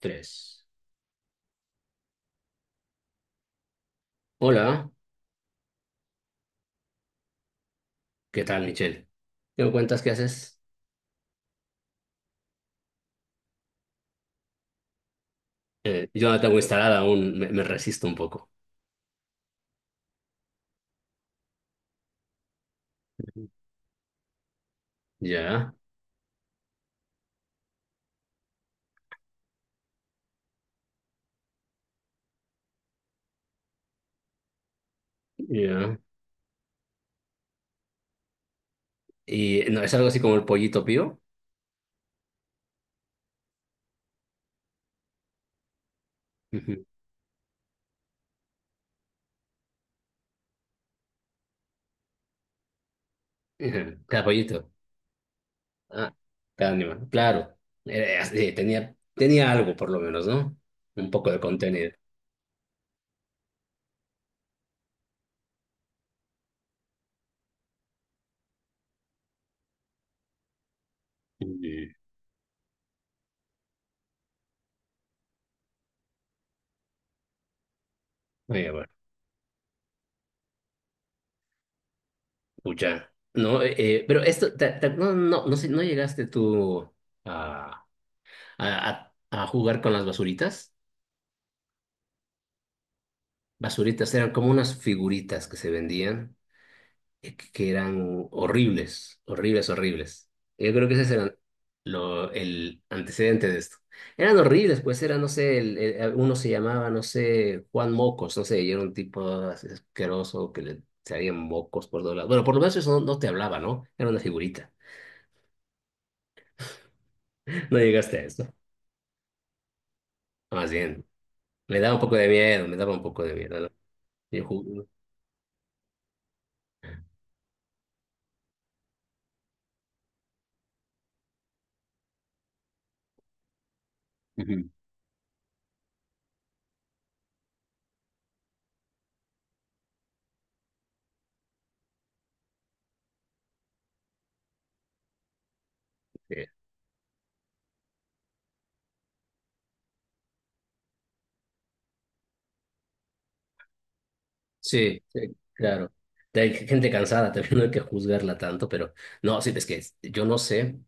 Tres. Hola, ¿qué tal, Michelle? ¿Qué me cuentas? ¿Qué haces? Yo no tengo instalada aún, me resisto un poco. Ya, ya. Y no, es algo así como el pollito pío. Ujú. Ujú. Cada pollito. Ah, cada animal. Claro. Tenía algo, por lo menos, ¿no? Un poco de contenido. Ujú. Oye, bueno, pucha. No, pero esto, sé, ¿no llegaste tú a, a, a a jugar con las basuritas? Basuritas eran como unas figuritas que se vendían, que eran horribles, horribles, horribles. Yo creo que ese era el antecedente de esto. Eran horribles, pues era, no sé, uno se llamaba, no sé, Juan Mocos, no sé, y era un tipo así asqueroso que le salían mocos por todos lados. Bueno, por lo menos eso no te hablaba, ¿no? Era una figurita. No llegaste a eso. Más bien, me daba un poco de miedo, me daba un poco de miedo, ¿no? Yo ju- Ujú. Sí, sí, claro. Hay gente cansada, también no hay que juzgarla tanto, pero no, sí, es que yo no sé,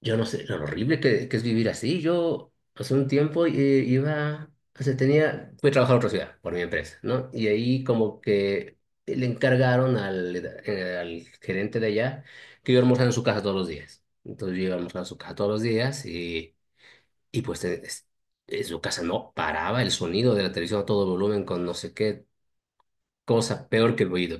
yo no sé lo horrible que es vivir así. Yo hace un tiempo iba, o sea, tenía, fui a trabajar a otra ciudad por mi empresa, ¿no? Y ahí como que le encargaron al gerente de allá que yo almorzara en su casa todos los días. Entonces yo iba a almorzar a su casa todos los días y pues en su casa no paraba el sonido de la televisión a todo volumen con no sé qué cosa peor que el oído.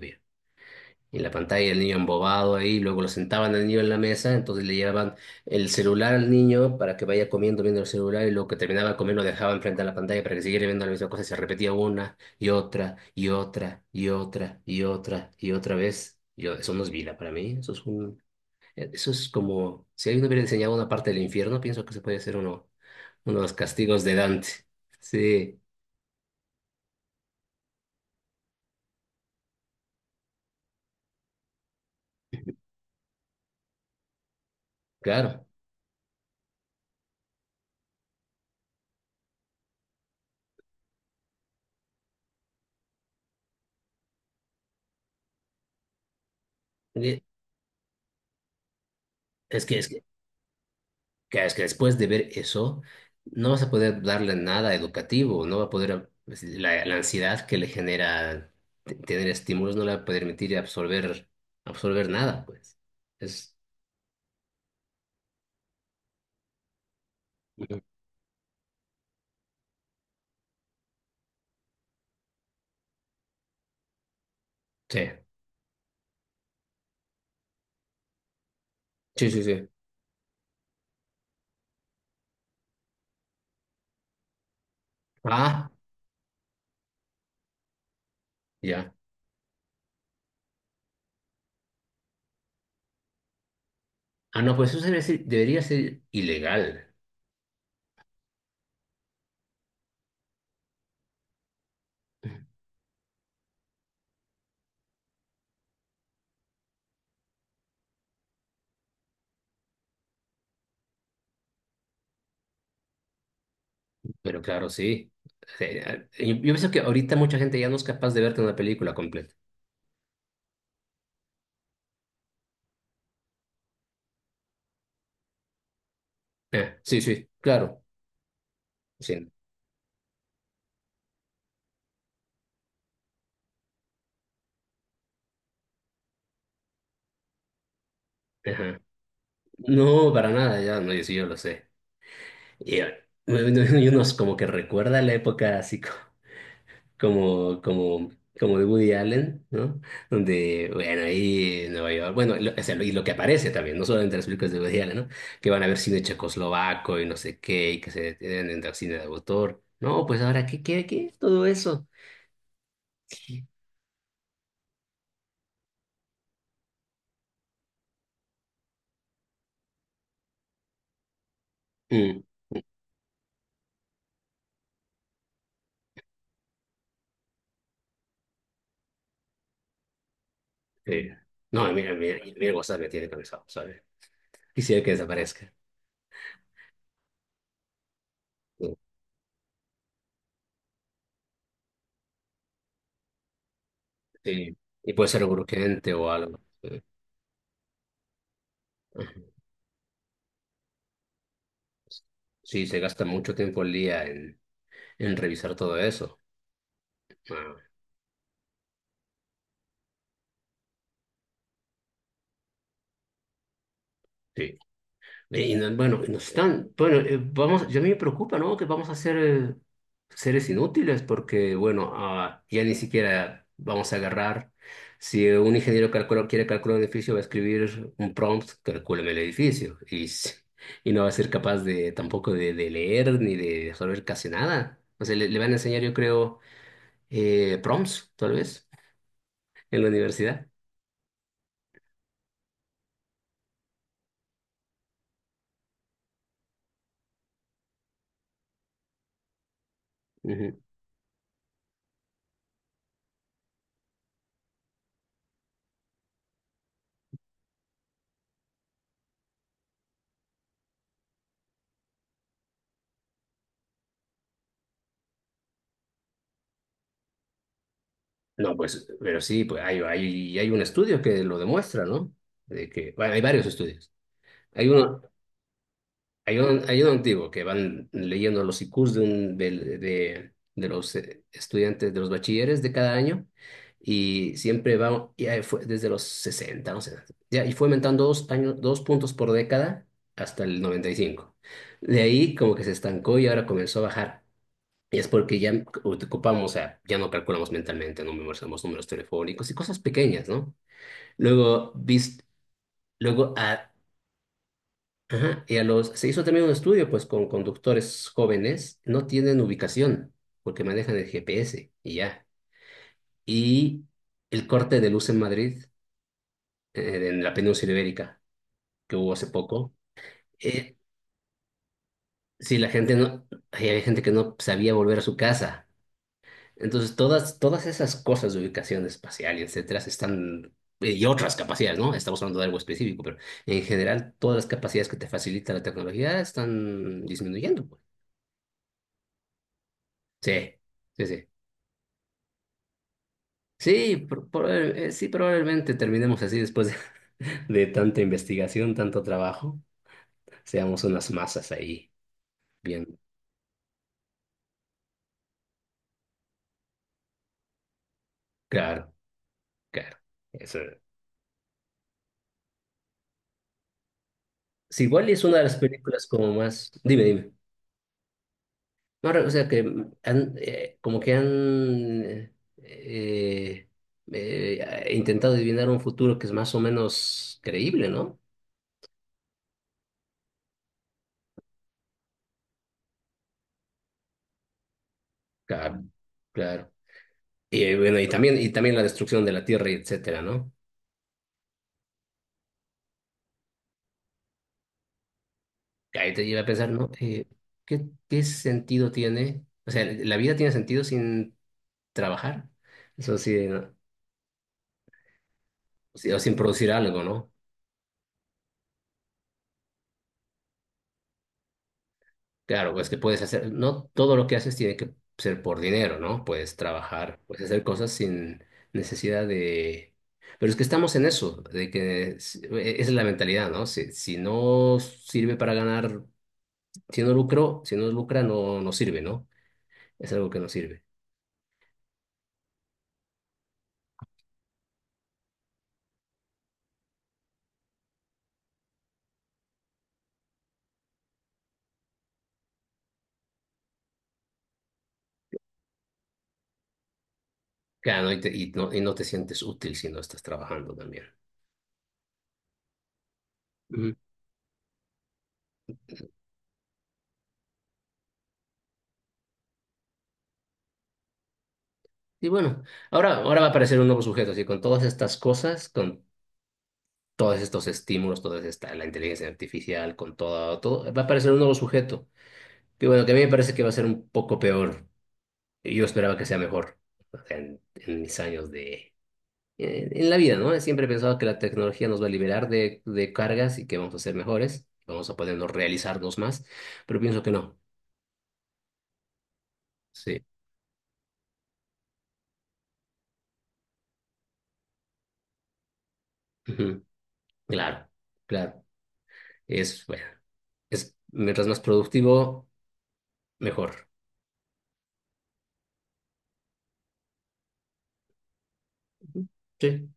Y en la pantalla el niño embobado ahí, luego lo sentaban al niño en la mesa, entonces le llevaban el celular al niño para que vaya comiendo, viendo el celular, y luego que terminaba de comer lo dejaban frente a la pantalla para que siguiera viendo la misma cosa, y se repetía una y otra y otra y otra y otra y otra vez. Yo, eso no es vida para mí, eso es como, si alguien hubiera enseñado una parte del infierno, pienso que se puede hacer uno de los castigos de Dante. Sí, claro. Y es que Claro, es que después de ver eso, no vas a poder darle nada educativo, no va a poder, pues, la ansiedad que le genera tener estímulos no le va a permitir absorber, absorber nada, pues. Es, sí, sí, sí, sí. Ah, ya. Ah, no, pues sí, debería ser ilegal, pero claro, sí. Sí, yo pienso que ahorita mucha gente ya no es capaz de verte una película completa. Sí, sí, claro, sí. Ajá. No, para nada, ya no, yo sí, yo lo sé. Y, eh, unos como que recuerda la época así como, como, como de Woody Allen, ¿no? Donde, bueno, ahí en Nueva York, bueno, y lo que aparece también, no solo entre las películas de Woody Allen, ¿no? Que van a ver cine checoslovaco y no sé qué, y que se detienen en el cine de autor. No, pues ahora, ¿qué? Todo eso. Mm, sí. No, mira, mira, mira, WhatsApp me tiene cansado, ¿sabes? Quisiera que desaparezca. Sí. Sí. Y puede ser urgente o algo. Sí, se gasta mucho tiempo al día en revisar todo eso. Ah, sí. Bueno, y nos están, bueno, vamos, yo a mí me preocupa, ¿no? Que vamos a ser seres inútiles porque, bueno, ya ni siquiera vamos a agarrar. Si un ingeniero quiere calcular un edificio, va a escribir un prompt, calcúlame el edificio. Y no va a ser capaz de tampoco de leer ni de saber casi nada. O sea, le van a enseñar, yo creo, prompts, tal vez, en la universidad. Ujú. No, pues, pero sí, pues hay un estudio que lo demuestra, ¿no? De que, bueno, hay varios estudios. Hay uno, Hay uno antiguo que van leyendo los IQs de los estudiantes, de los bachilleres de cada año, y siempre va, y ahí fue desde los 60, no sé, ya, y fue aumentando 2 puntos por década hasta el 95. De ahí como que se estancó y ahora comenzó a bajar, y es porque ya ocupamos, o sea, ya no calculamos mentalmente, no memorizamos números telefónicos y cosas pequeñas, ¿no? Luego, vist- luego a, ajá, y se hizo también un estudio, pues, con conductores jóvenes, no tienen ubicación, porque manejan el GPS y ya. Y el corte de luz en Madrid, en la península ibérica, que hubo hace poco, eh, sí, la gente no, hay gente que no sabía volver a su casa. Entonces, todas esas cosas de ubicación espacial y etcétera están, y otras capacidades, ¿no? Estamos hablando de algo específico, pero en general todas las capacidades que te facilita la tecnología están disminuyendo, pues. Sí, sí, sí. Sí, sí, probablemente terminemos así después de, de tanta investigación, tanto trabajo, seamos unas masas ahí. Bien, claro, claro. Eso. Sí, igual es una de las películas como más... Dime, dime. No, o sea que como que han intentado adivinar un futuro que es más o menos creíble, ¿no? Claro, claro. Bueno, y también la destrucción de la Tierra, y etcétera, ¿no? Que Ahí te lleva a pensar, ¿no? ¿Qué sentido tiene? O sea, ¿la vida tiene sentido sin trabajar? Eso sí, ¿no? Sí. O sin producir algo, ¿no? Claro, pues que puedes hacer, no todo lo que haces tiene que ser por dinero, ¿no? Puedes trabajar, puedes hacer cosas sin necesidad de... Pero es que estamos en eso, de que esa es la mentalidad, ¿no? Si no sirve para ganar, si no lucro, si no lucra, no sirve, ¿no? Es algo que no sirve. Claro, y no te sientes útil si no estás trabajando también. Ujú. Y bueno, ahora va a aparecer un nuevo sujeto, así con todas estas cosas, con todos estos estímulos, la inteligencia artificial, con todo, todo, va a aparecer un nuevo sujeto. Que bueno, que a mí me parece que va a ser un poco peor. Yo esperaba que sea mejor en mis años de... En la vida, ¿no? Siempre he pensado que la tecnología nos va a liberar de cargas y que vamos a ser mejores, vamos a podernos realizarnos más, pero pienso que no. Sí. Ujú. Claro, claro. Bueno, es, mientras más productivo, mejor. Sí.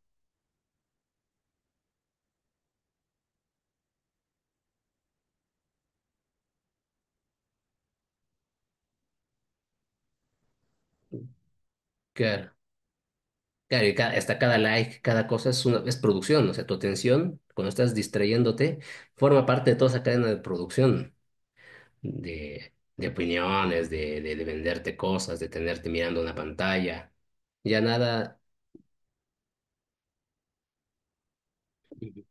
Claro. Claro, hasta cada like, cada cosa es producción, o sea, tu atención, cuando estás distrayéndote, forma parte de toda esa cadena de producción, de opiniones, de venderte cosas, de tenerte mirando una pantalla. Ya nada. Ujú.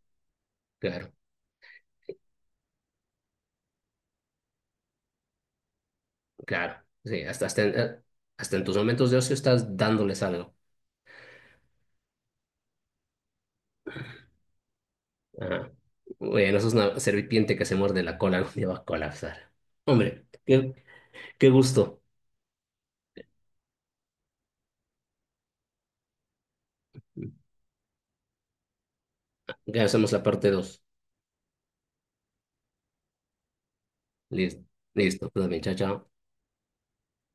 Claro, claro, sí, hasta en tus momentos de ocio estás dándoles algo. Ajá. Bueno, eso es una serpiente que se muerde la cola, algún día va a colapsar. Hombre, qué gusto. Ya hacemos la parte 2. Listo, listo, todo bien, chao, chao.